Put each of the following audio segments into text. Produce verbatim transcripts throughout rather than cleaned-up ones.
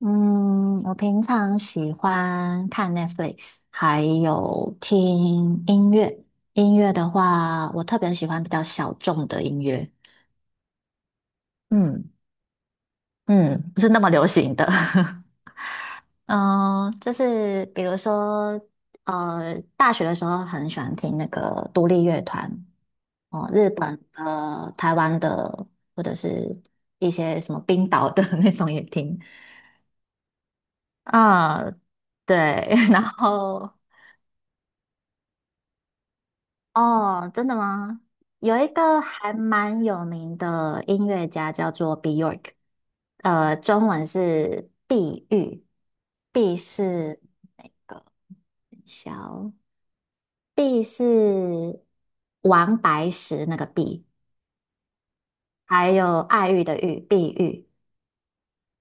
嗯，我平常喜欢看 Netflix，还有听音乐。音乐的话，我特别喜欢比较小众的音乐，嗯嗯，不是那么流行的。嗯，就是比如说，呃，大学的时候很喜欢听那个独立乐团，哦，日本的、台湾的，或者是一些什么冰岛的 那种也听。嗯，对，然后哦，真的吗？有一个还蛮有名的音乐家叫做 Bjork，呃，中文是碧玉，碧是那个小，碧是王白石那个碧，还有爱玉的玉，碧玉。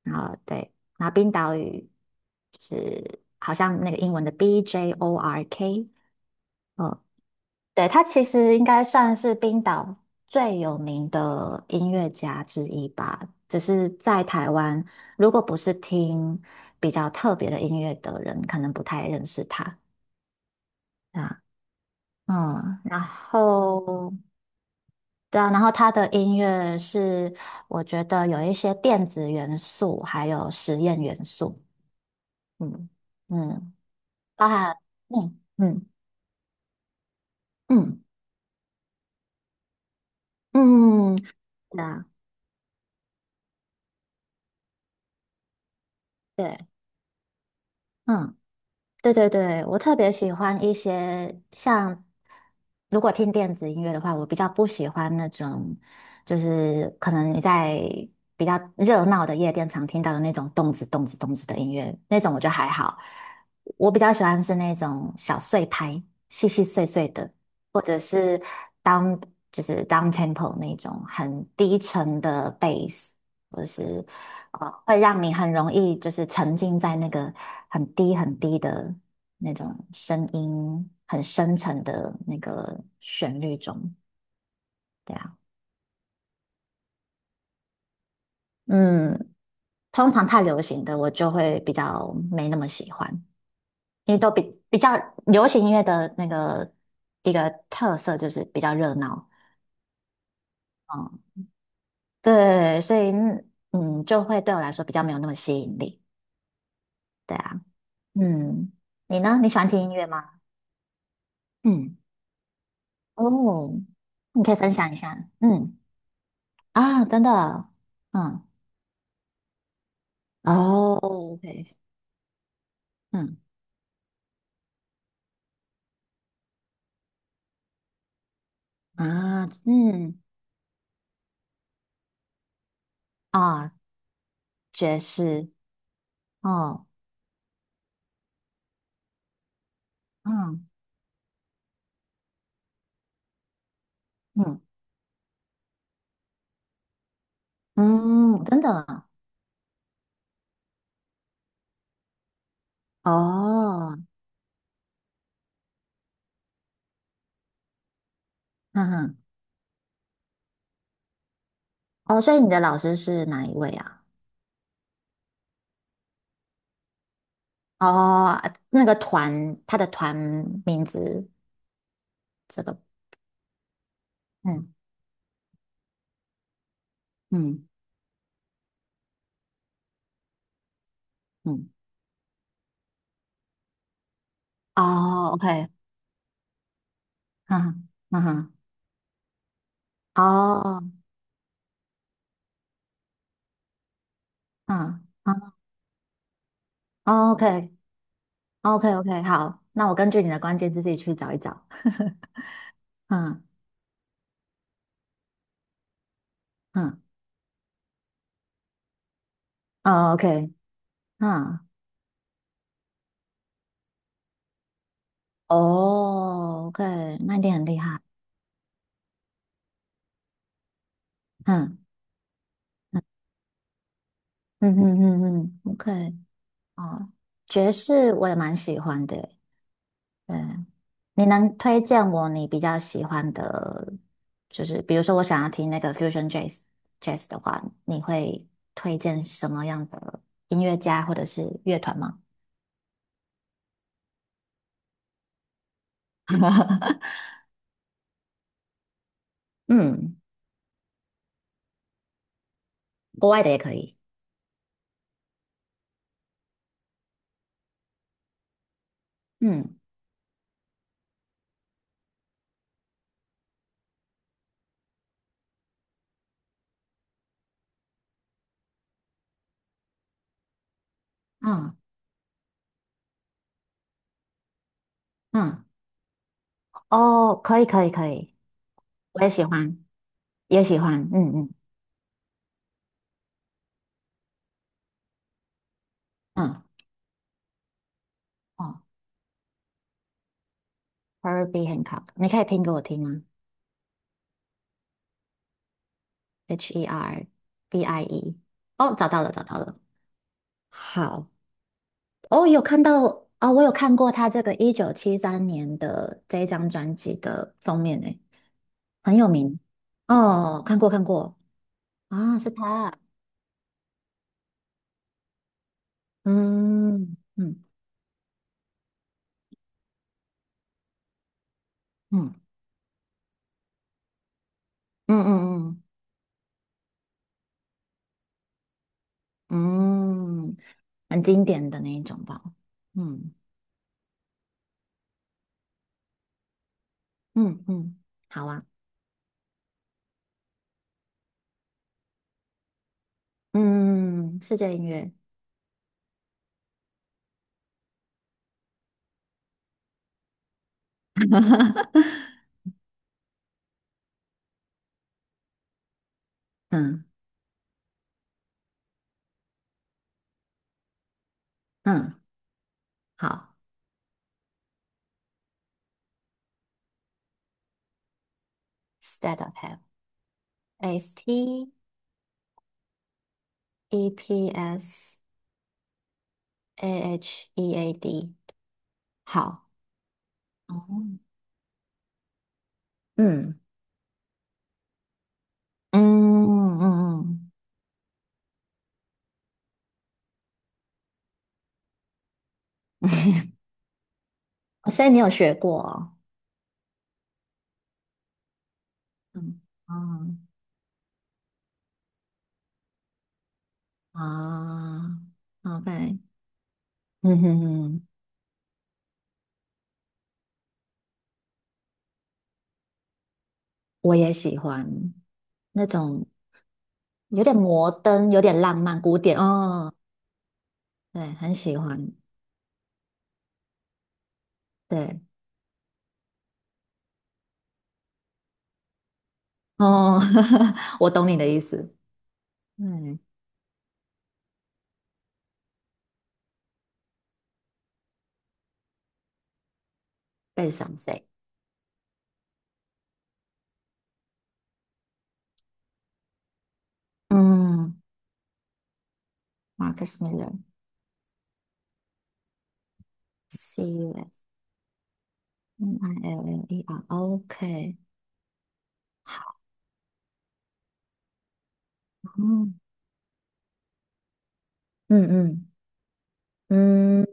然后对，然后冰岛语就是好像那个英文的 B J O R K，哦对，他其实应该算是冰岛最有名的音乐家之一吧。只是在台湾，如果不是听比较特别的音乐的人，可能不太认识他啊。嗯，然后对啊，然后他的音乐是我觉得有一些电子元素，还有实验元素。嗯嗯，包含嗯嗯嗯嗯，对啊，对，嗯对对对，我特别喜欢一些像，如果听电子音乐的话，我比较不喜欢那种，就是可能你在比较热闹的夜店常听到的那种动子动子动子的音乐，那种我觉得还好。我比较喜欢是那种小碎拍，细细碎碎的，或者是 down 就是 down tempo 那种很低沉的 bass，或者是哦，会让你很容易就是沉浸在那个很低很低的那种声音，很深沉的那个旋律中。对啊，嗯，通常太流行的我就会比较没那么喜欢，因为都比比较流行音乐的那个一个特色就是比较热闹，嗯，对，所以嗯，嗯就会对我来说比较没有那么吸引力。对啊，嗯，你呢？你喜欢听音乐吗？嗯。哦，你可以分享一下，嗯啊，真的，嗯，哦，OK，嗯啊，嗯啊，爵士，哦，嗯嗯嗯，真的啊哦，嗯哼，哦，所以你的老师是哪一位啊？哦，那个团，他的团名字，这个，嗯嗯嗯，哦，OK，嗯哼嗯哼，哦，嗯。嗯 o k OK OK，好，那我根据你的关键字自己去找一找。嗯嗯，哦 OK，嗯哦 OK，那一定很厉害。嗯嗯嗯嗯嗯，OK，哦，爵士我也蛮喜欢的耶。对，你能推荐我你比较喜欢的，就是比如说我想要听那个 Fusion Jazz Jazz 的话，你会推荐什么样的音乐家或者是乐团吗？嗯，国外的也可以。嗯嗯嗯。哦，可以可以可以，我也喜欢，也喜欢，嗯嗯嗯，哦，Herbie Hancock，你可以拼给我听吗？H E R B I E，哦，找到了找到了，好，哦，有看到啊、我有看过他这个一九七三年的这一张专辑的封面诶，很有名，哦，看过看过，啊，是他，嗯嗯嗯嗯嗯嗯嗯，很经典的那一种吧，嗯。嗯嗯，好啊，嗯，世界音乐，嗯嗯，好，State of h e a l t S T E P S A H E A D，好，哦，嗯嗯嗯嗯，嗯 所以你有学过哦，嗯哦啊，OK，嗯哼哼，我也喜欢那种有点摩登、有点浪漫、古典，哦，对，很喜欢，对。哦，我懂你的意思。嗯，背上谁？嗯，Marcus Miller，C U S M I L L E R，OK。嗯嗯嗯嗯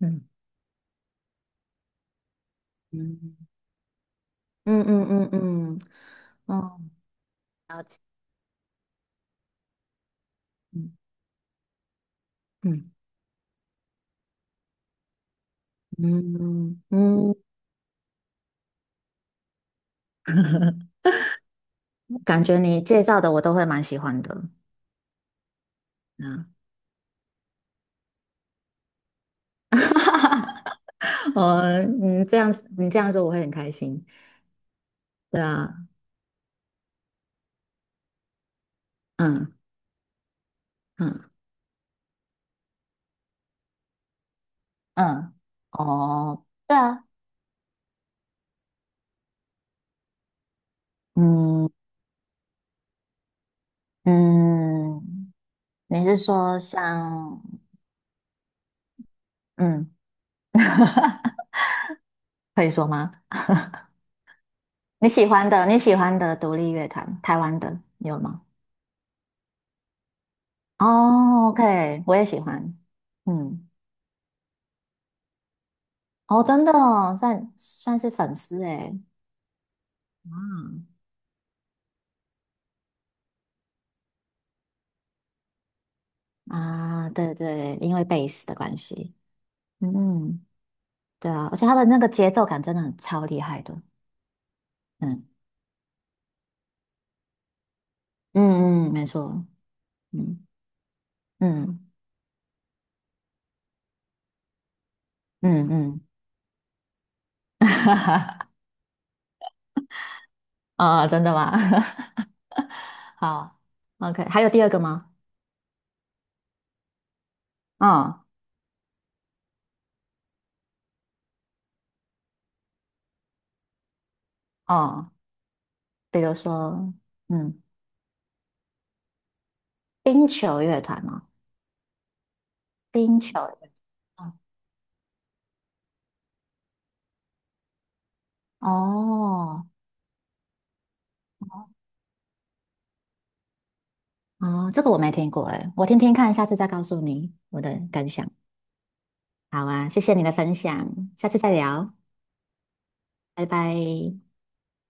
嗯，嗯嗯嗯嗯嗯，哦嗯嗯嗯嗯，感觉你介绍的我都会蛮喜欢的。嗯，我嗯这样你这样说我会很开心。对啊，嗯嗯嗯，哦，对啊，嗯。嗯，你是说像，嗯，可以说吗？你喜欢的，你喜欢的独立乐团，台湾的你有吗？哦，OK，我也喜欢。嗯，哦，真的哦，算算是粉丝诶。嗯啊，对对，因为贝斯的关系。嗯，对啊，而且他们那个节奏感真的很超厉害的。嗯嗯嗯，没错。嗯嗯嗯嗯，嗯啊，真的吗？好，OK，还有第二个吗？嗯哦，比如说，嗯，冰球乐团哦，冰球乐团，哦哦，哦这个我没听过诶，我听听看，下次再告诉你我的感想。好啊，谢谢你的分享，下次再聊，拜拜。